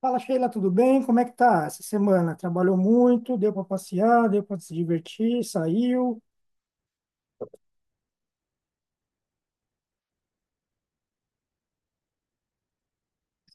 Fala, Sheila, tudo bem? Como é que tá essa semana? Trabalhou muito? Deu para passear? Deu para se divertir? Saiu?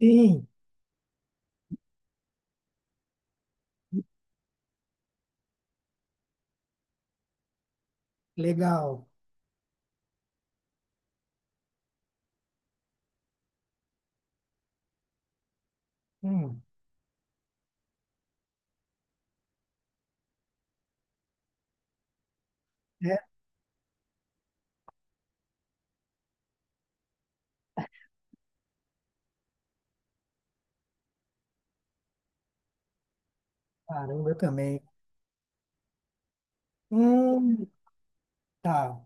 Sim, legal. Hum, é, caramba, eu também. Hum, tá.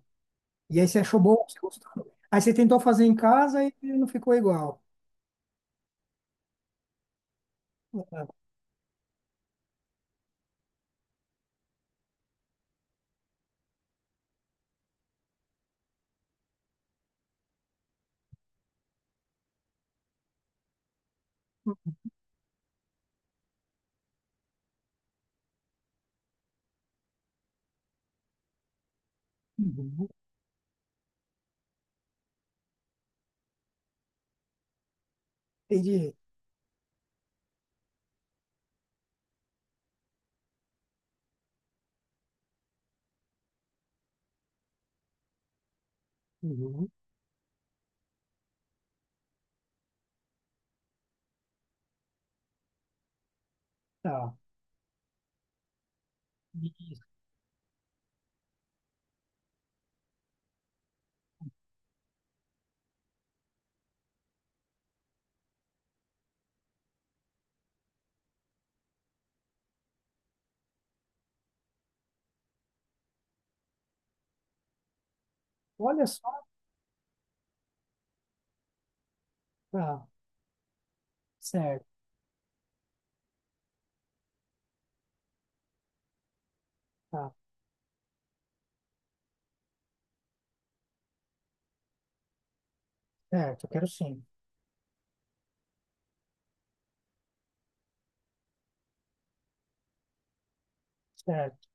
E aí você achou bom? Você gostou? Aí você tentou fazer em casa e não ficou igual. Ah, uhum, entendi. Uhum, tá. Olha só, tá. Certo, tá. Certo, eu quero sim. Certo,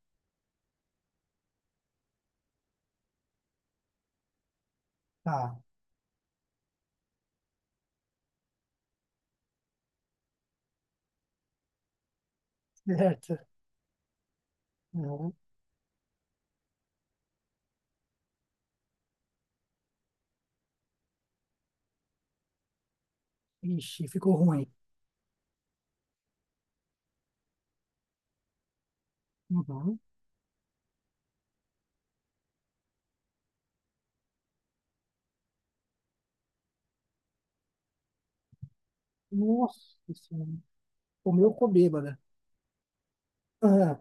tá. Certo. Uhum. Ixi, ficou ruim. Uhum. Nossa, Senhora. Comeu, ficou bêbada. Ah,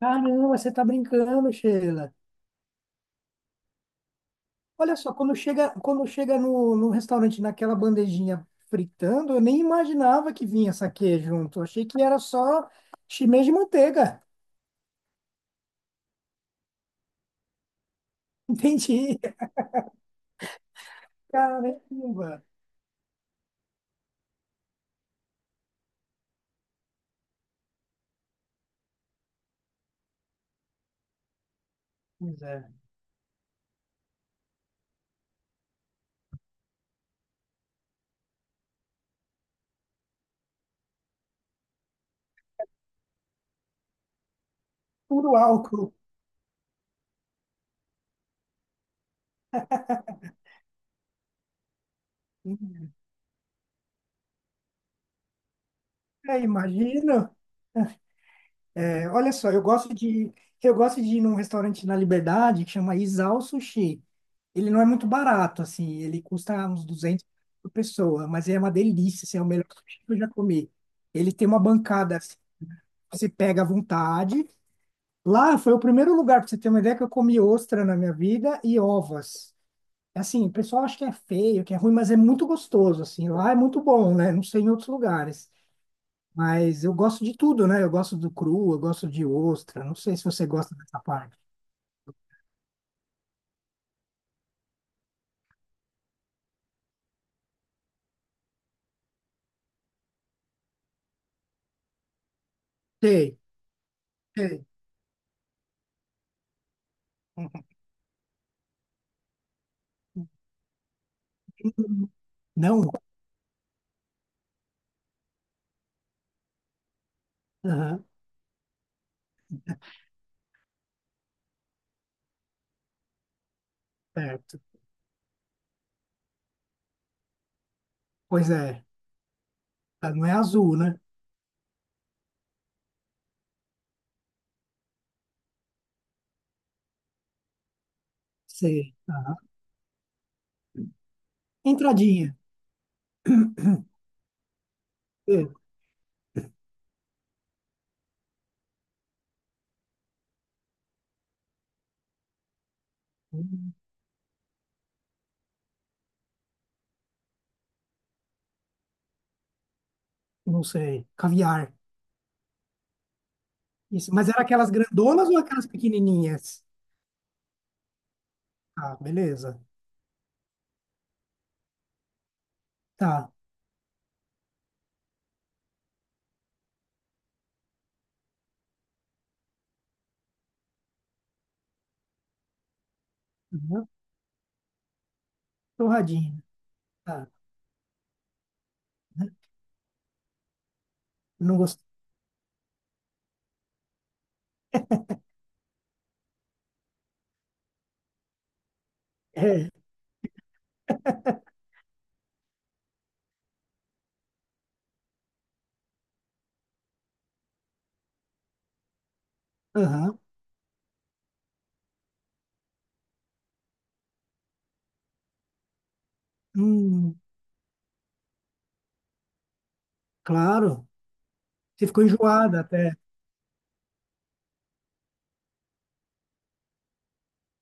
caramba, você tá brincando, Sheila. Olha só, quando chega no restaurante naquela bandejinha fritando, eu nem imaginava que vinha saquê junto. Eu achei que era só chimê de manteiga. Entendi. Caramba. Pois é. Puro álcool. Hum, É, imagino. É, olha só, eu gosto de ir num restaurante na Liberdade que chama Isao Sushi. Ele não é muito barato, assim, ele custa uns 200 por pessoa, mas é uma delícia, assim, é o melhor sushi que eu já comi. Ele tem uma bancada, assim, você pega à vontade. Lá foi o primeiro lugar, para você ter uma ideia, que eu comi ostra na minha vida e ovas. Assim, o pessoal acha que é feio, que é ruim, mas é muito gostoso, assim, lá é muito bom, né? Não sei em outros lugares. Mas eu gosto de tudo, né? Eu gosto do cru, eu gosto de ostra. Não sei se você gosta dessa parte. Sei, sei. Hum, não? Aham, certo. Pois é. Ela não é azul, né? Sei. Aham. Entradinha. Sei. Hum, Não sei. Caviar. Isso. Mas era aquelas grandonas ou aquelas pequenininhas? Ah, beleza. Tá. Uhum. Torradinha. Tá. Né? Não gostei. É. Aham. Hum, claro. Você ficou enjoada até.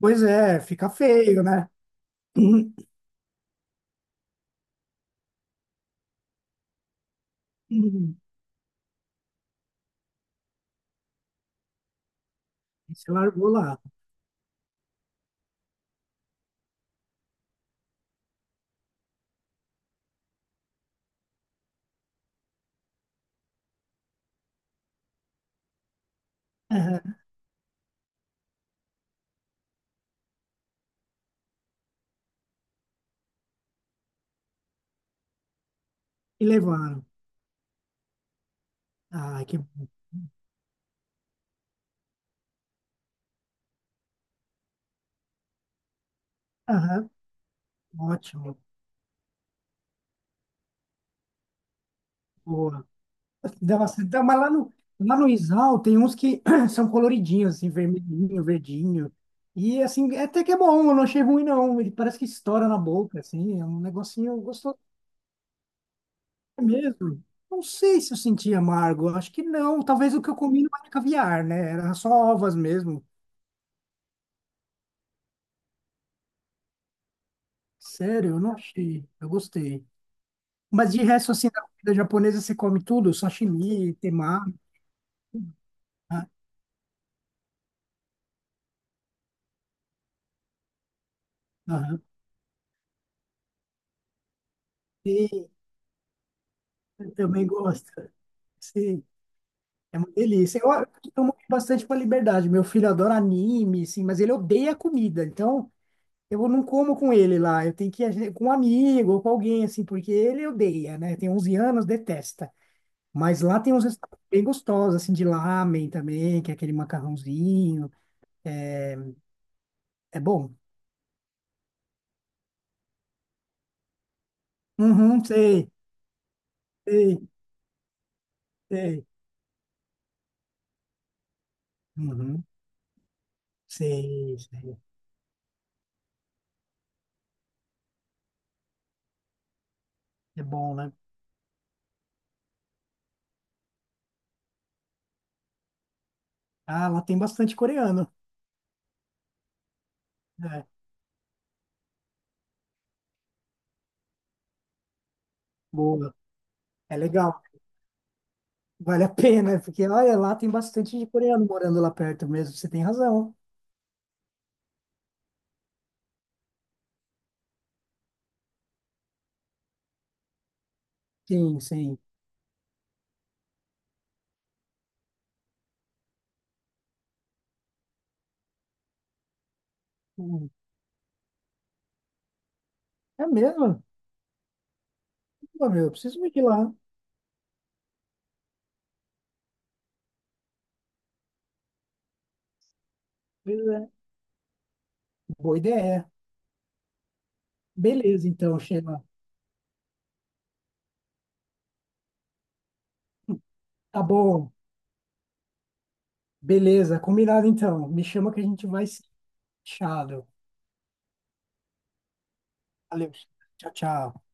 Pois é, fica feio, né? Uhum. Você largou lá. Aham. E levaram. Ah, que bom. Aham. Ótimo. Boa. Dá bastante- dá- Mas lá no Isal tem uns que são coloridinhos, assim, vermelhinho, verdinho. E assim, é até que é bom, eu não achei ruim, não. Ele parece que estoura na boca, assim, é um negocinho gostoso mesmo. Não sei se eu senti amargo, acho que não. Talvez o que eu comi não era caviar, né? Era só ovas mesmo. Sério, eu não achei. Eu gostei. Mas de resto, assim, na comida japonesa você come tudo, sashimi, temaki, né? Aham. Sim, eu também gosto. Sim, é uma delícia. Eu tomo bastante com a liberdade. Meu filho adora anime, sim, mas ele odeia comida. Então, eu não como com ele lá. Eu tenho que ir com um amigo ou com alguém, assim, porque ele odeia, né? Tem 11 anos, detesta. Mas lá tem uns restaurantes bem gostosos, assim, de lamen também, que é aquele macarrãozinho. É bom. Uhum, sei, sei, sei. Uhum, sei. Sei. É bom, né? Ah, lá tem bastante coreano. É, boa. É legal. Vale a pena, né? Porque olha, lá tem bastante de coreano morando lá perto mesmo. Você tem razão. Sim, sim. Hum, é mesmo? Pô, meu, eu preciso ir lá. Pois é. Boa ideia. Beleza, então, Sheila. Tá bom. Beleza, combinado então. Me chama que a gente vai se. Tchau. Valeu. Tchau, tchau.